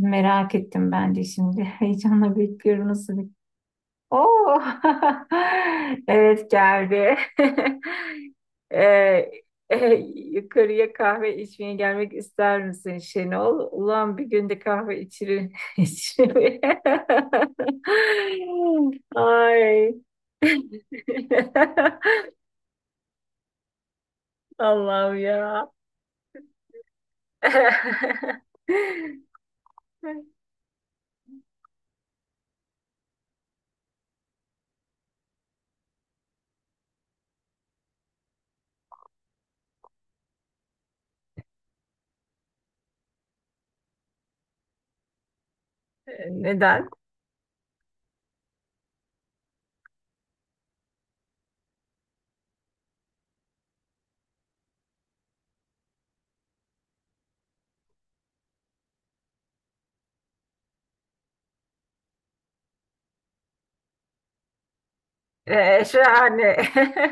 Merak ettim ben de şimdi. Heyecanla bekliyorum nasıl bir... Oo! Evet geldi. Ee, e, yukarıya kahve içmeye gelmek ister misin Şenol? Ulan bir günde kahve içilir. içilir. Ay. Allah'ım ya. Neden? Şahane.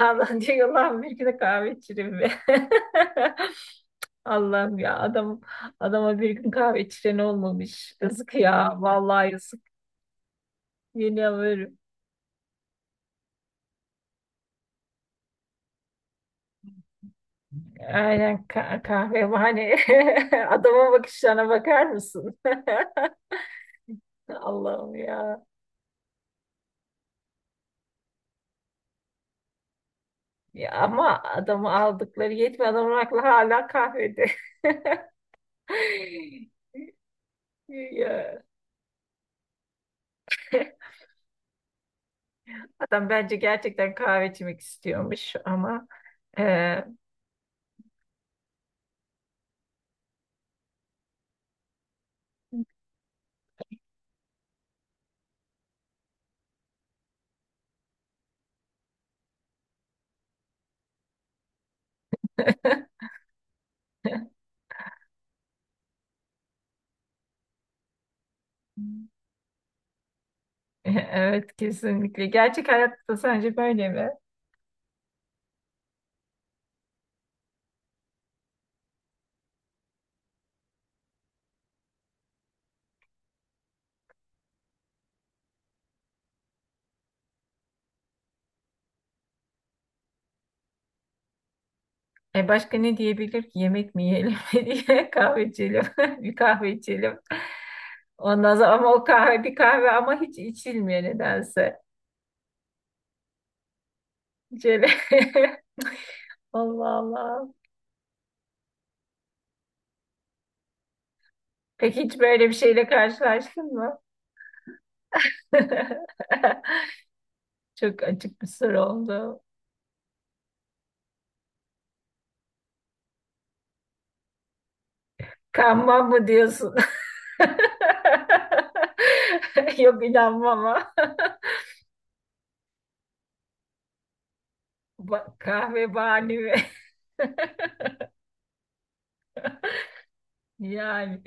Allah diyor, Allah'ım bir gün kahve içireyim be. Allah'ım ya, adam bir gün kahve içiren olmamış. Yazık ya, vallahi yazık. Yeniyorum. Aynen, kahve bahane. Adama, bakışlarına bakar mısın? Allah'ım ya. Ya ama adamı aldıkları yetmiyor. Adamın aklı hala kahvede. Ya. Adam bence gerçekten kahve içmek istiyormuş ama e, evet, kesinlikle. Gerçek hayatta sence böyle mi? E başka ne diyebilir ki? Yemek mi yiyelim diye, kahve içelim. Bir kahve içelim. Ondan sonra ama o kahve bir kahve ama hiç içilmiyor nedense. Şöyle. Allah Allah. Peki hiç böyle bir şeyle karşılaştın mı? Çok açık bir soru oldu. Kanban mı diyorsun? Yok, inanmam ama. Kahve bahane mi? Yani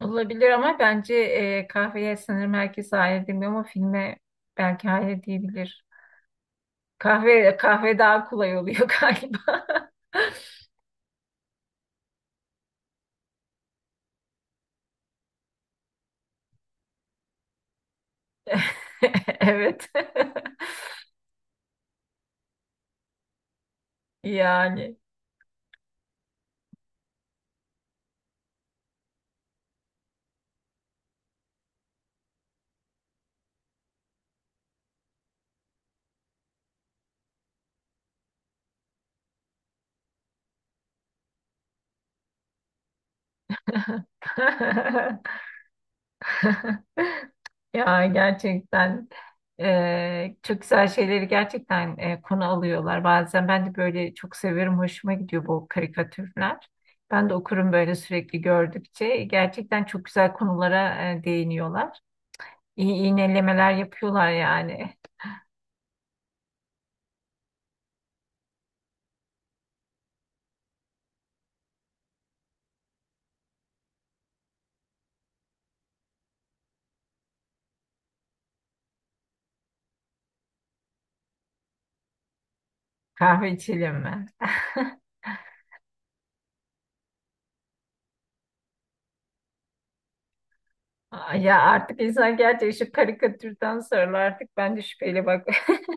olabilir ama bence, kahveye sanırım herkes hayır demiyor ama filme belki hayır diyebilir. Kahve daha kolay oluyor galiba. Evet. Yani. Ya gerçekten, çok güzel şeyleri gerçekten, konu alıyorlar. Bazen ben de böyle çok severim, hoşuma gidiyor bu karikatürler. Ben de okurum böyle, sürekli gördükçe. Gerçekten çok güzel konulara değiniyorlar. İyi iğnelemeler yapıyorlar yani. Kahve içelim mi? Ay ya, artık insan gerçekten şu karikatürden sonra artık ben de şüpheyle bak.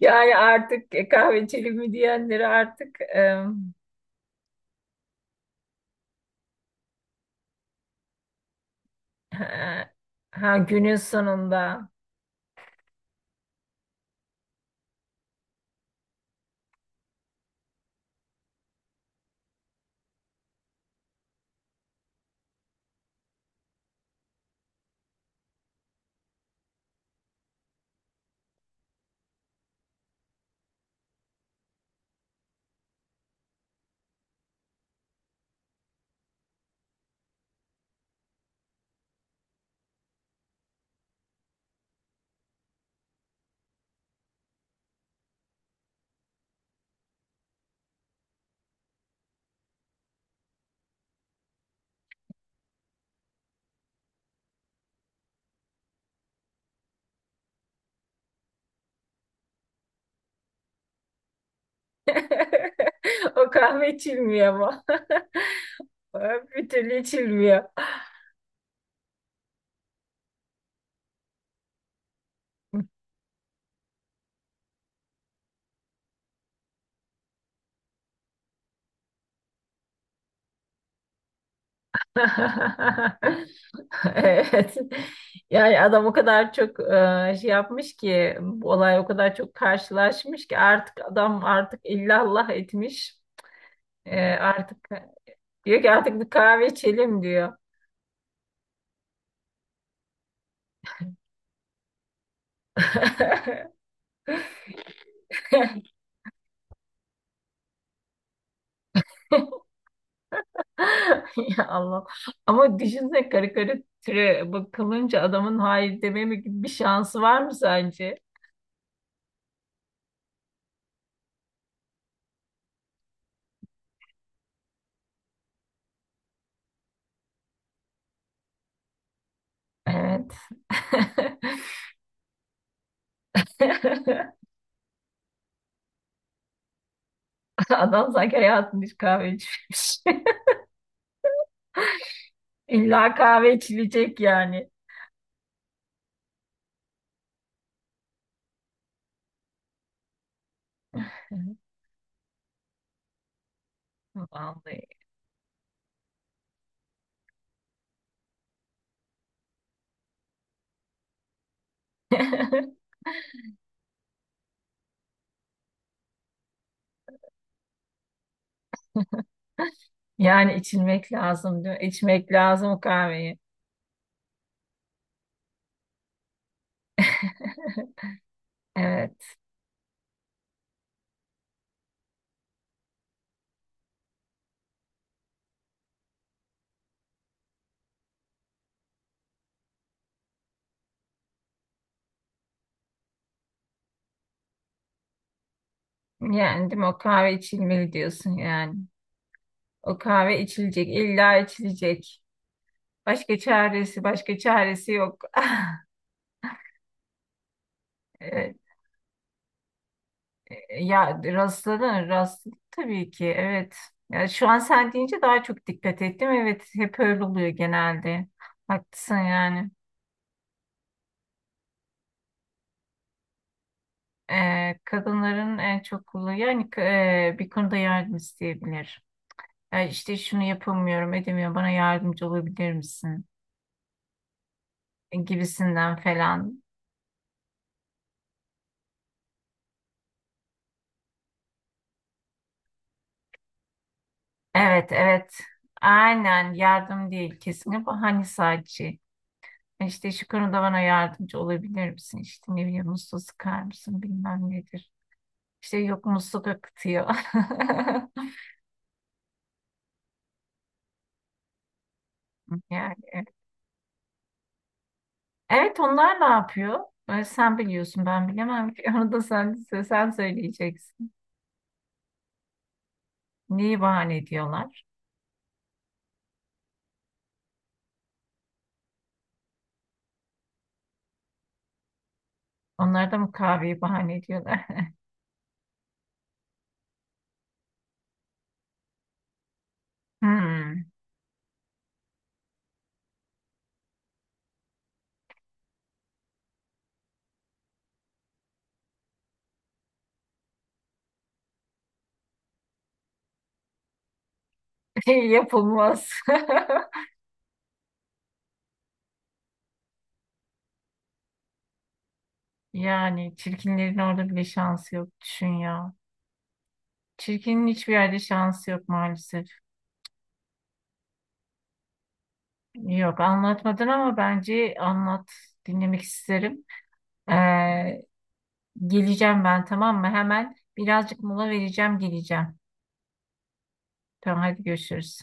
Yani artık, kahve içelim mi diyenleri ha, ha, günün sonunda. O kahve içilmiyor ama. Bir türlü içilmiyor. Evet. Yani adam o kadar çok, yapmış ki, bu olay o kadar çok karşılaşmış ki artık adam artık illallah etmiş. Artık diyor ki artık bir kahve içelim diyor. Ya Allah. Ama düşünsene, karikatüre bakılınca adamın hayır dememe gibi bir şansı var mı sence? Evet. Adam sanki hayatında hiç kahve içmemiş. İlla kahve içilecek yani. Vallahi. Yani içilmek lazım diyor. İçmek lazım o kahveyi. Evet. Yani değil mi? O kahve içilmeli diyorsun yani. O kahve içilecek. İlla içilecek. Başka çaresi, başka çaresi yok. Ee, Ya rastladım tabii ki. Evet. Ya şu an sen deyince daha çok dikkat ettim. Evet, hep öyle oluyor genelde. Haklısın yani. Kadınların en çok kullandığı yani, bir konuda yardım isteyebilir. Ya işte şunu yapamıyorum, edemiyorum. Bana yardımcı olabilir misin? Gibisinden falan. Evet, evet. Aynen, yardım değil kesinlikle. Hani sadece işte şu konuda bana yardımcı olabilir misin? İşte ne bileyim, musluğu sıkar mısın bilmem nedir. İşte yok, musluk akıtıyor. Yani. Evet, onlar ne yapıyor? Sen biliyorsun, ben bilemem ki. Onu da sen söyleyeceksin. Neyi bahane ediyorlar? Onlar da mı kahveyi bahane ediyorlar? Hmm. Yapılmaz. Yani çirkinlerin orada bile şansı yok. Düşün ya. Çirkinin hiçbir yerde şansı yok maalesef. Yok anlatmadın ama bence anlat. Dinlemek isterim. Ee, Geleceğim ben, tamam mı? Hemen birazcık mola vereceğim, geleceğim. Tamam, hadi görüşürüz.